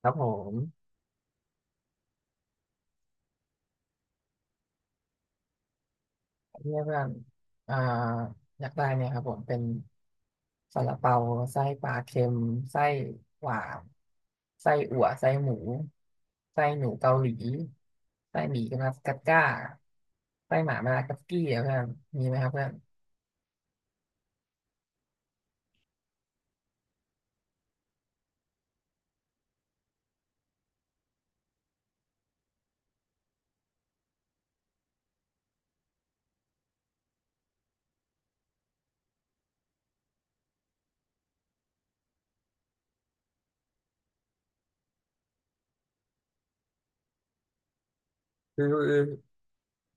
ครับผมเนี่ยเพื่อนอ่าอยากได้เนี่ยครับผมเป็นซาลาเปาไส้ปลาเค็มไส้หวานไส้อั่วไส้หมูไส้หนูเกาหลีไส้หมี่กััสกัดก้าไส้หมามากัสกี้อะเพื่อนมีไหมครับเพื่อน คือ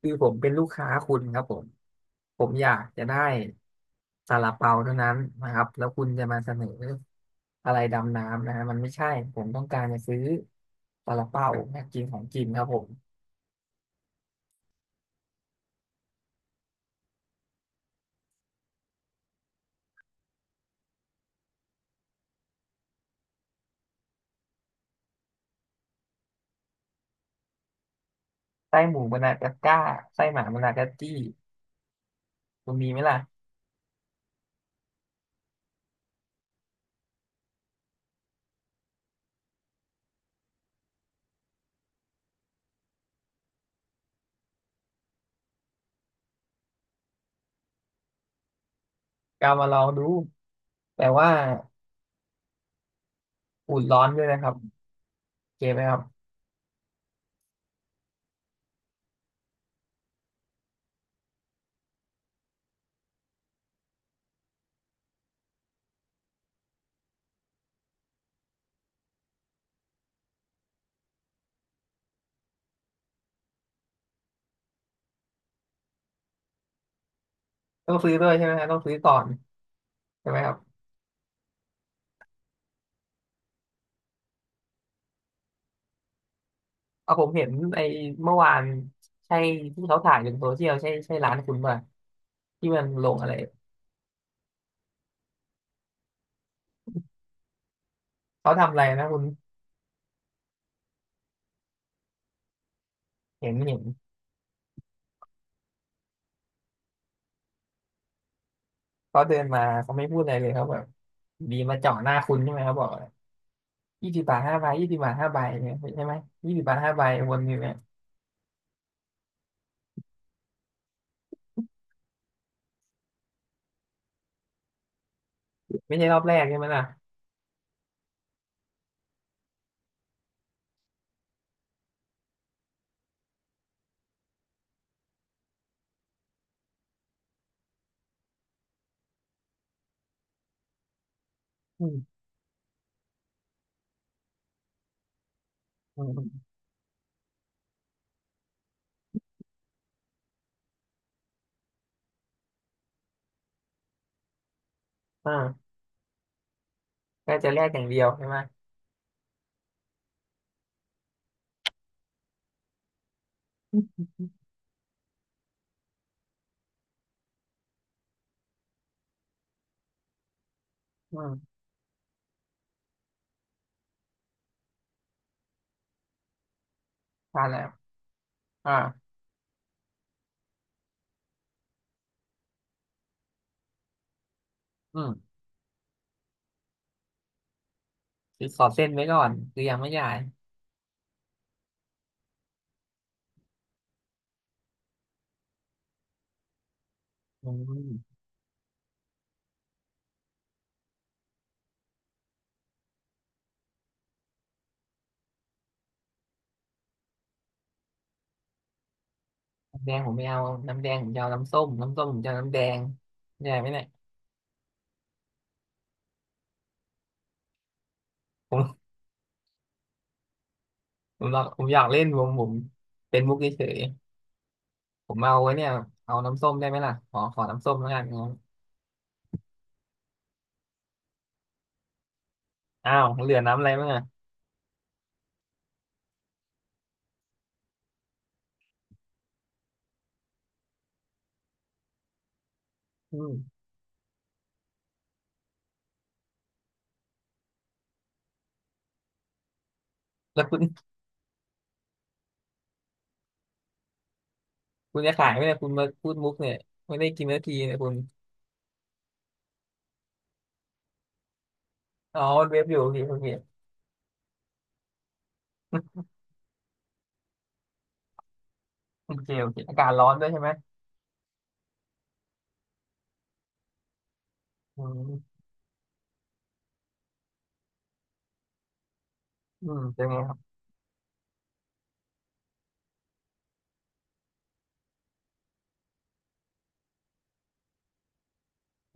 คือผมเป็นลูกค้าคุณครับผมผมอยากจะได้ซาลาเปาเท่านั้นนะครับแล้วคุณจะมาเสนออะไรดำน้ำนะฮะมันไม่ใช่ผมต้องการจะซื้อซาลาเปาอยากกินของกินครับผมไส้หมูมะนากาก้าไส้หมามะนากาจี้คุณมีไหมล่ะกามาลองดูแต่ว่าอุ่นร้อนด้วยนะครับโอเคไหมครับต้องซื้อด้วยใช่ไหมฮะต้องซื้อก่อนใช่ไหมครับ เอาผมเห็นไอ้เมื่อวานใช่ที่เขาถ่ายลงโซเชียลใช่ใช่ร้านคุณป่ะที่มันลงอะไรเขาทำอะไรนะคุณเห็นเห็นเขาเดินมาเขาไม่พูดอะไรเลยเขาแบบอยู่ดีมาเจาะหน้าคุณใช่ไหมเขาบอกยี่สิบบาทห้าใบยี่สิบบาทห้าใบเนี่ยใช่ไหมยี่สิบบาทห้าใบวนอยู่เนี่ยไม่ใช่รอบแรกใช่ไหมล่ะอืมอืมอ่าก็จะแลกอย่างเดียวใช่ไหมอืมอืมทานแล้วอ่าอืมคือขอเส้นไว้ก่อนคือยังไม่จ่ายอืม แดงผมไม่เอาน้ำแดงผมจะเอาน้ำส้มน้ำส้มผมจะเอาน้ำแดงได้ไหมเนี่ยผมผมอยากผมอยากเล่นวงผมเป็นมุกเฉยๆผมเอาไว้เนี่ยเอาน้ำส้มได้ไหมล่ะขอขอน้ำส้มแล้วกันงั้นอ้าวเหลือน้ำอะไรบ้างอ่ะอืมแล้วคุณคุณจะขายไหมเนี่ยคุณมาพูดมุกเนี่ยไม่ได้กินนาทีเนี่ยคุณอ๋อมันเว็บอยู่โอเคโอเคโอเคโอเคอากาศร้อนด้วยใช่ไหมอืมอืมเป็นไงครับ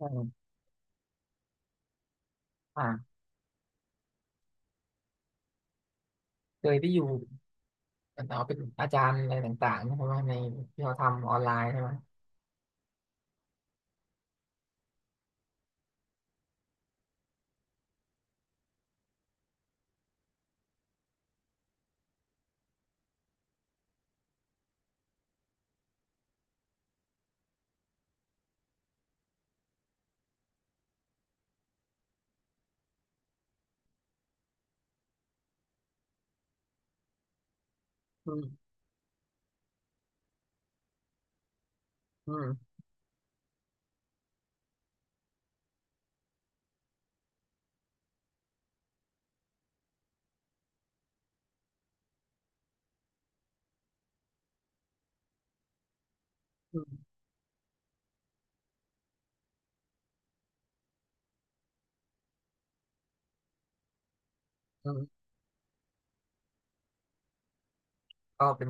อืมอ่าเคยที่อยู่เอาเป็นอาจารย์อะไรต่างๆใช่ไหมในที่เขาทำออนไลน์ใช่ไหมอืมอืม ก็ก็เป็น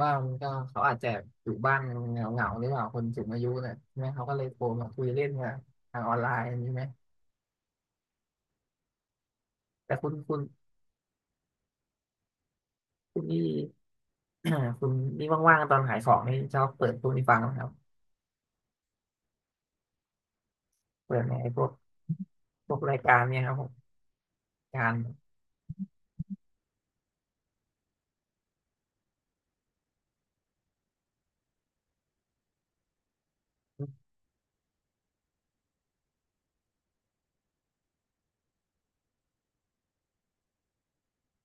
บ้างก็เขาอาจจะอยู่บ้านเหงาเหงารือเปล่าคนสูงอายุเนี่ยใช่ไหมเขาก็เลยโทรมาคุยเล่นกันทางออนไลน์อย่างนี้ไหมแต่คุณนี่ คุณนี่ว่างๆตอนขายของนี่ชอบเปิดพวกนี้ฟังไหมครับเปิดในพวกรายการเนี่ยครับผมการอื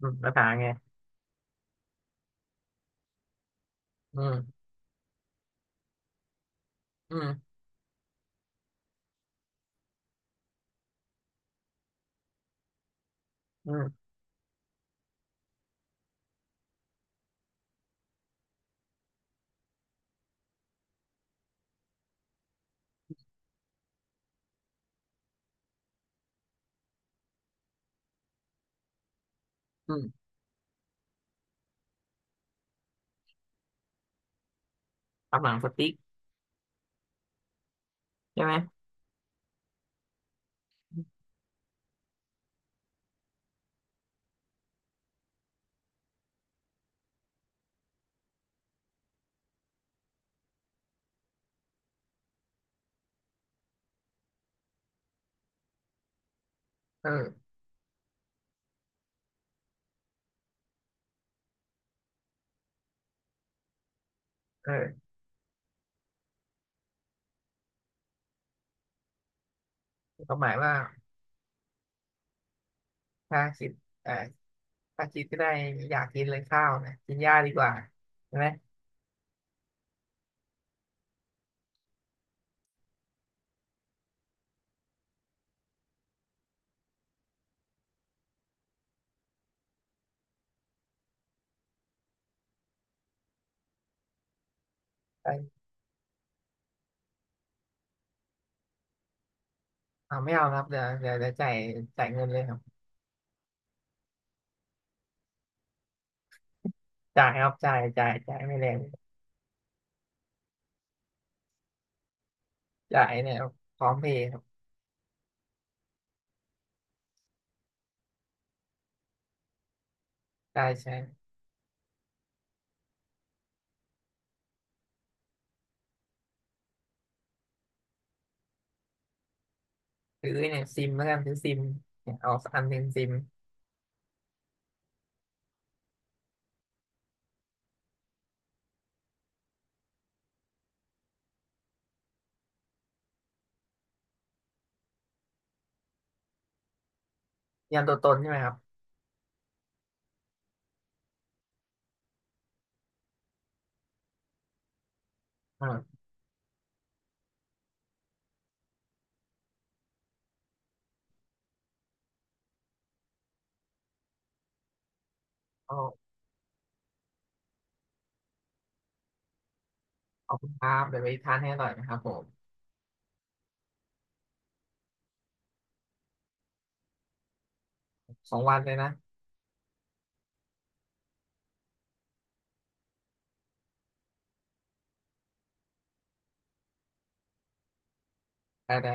มภาษาไงอืมอืมอืมอืมตำหนังสติ๊กใช่ไหมเออเออความหมายว่าถ้าคิดเออถ้าคิดก็ได้อยากกินเลยข้าวนะกินหญ้าดีกว่าใช่ไหม อ่าไม่เอาครับเดี๋ยวเดี๋ยวเดี๋ยวจ่ายจ่ายเงินเลยครับจ่ายครับจ่ายจ่ายจ่ายไม่แรงจ่ายเนี่ยพร้อมเพย์ครับจ่ายใช้ซื้อเนี่ยซิมแล้วกันซื้อซิมเนี่ยเอาอันหนึ่งซิมยันตัวตนใช่ไหมครับอ่าเอาเอาคุณภาพเดี๋ยวไปทานให้อร่อยนะครับผมสองวันเลยนะได้ได้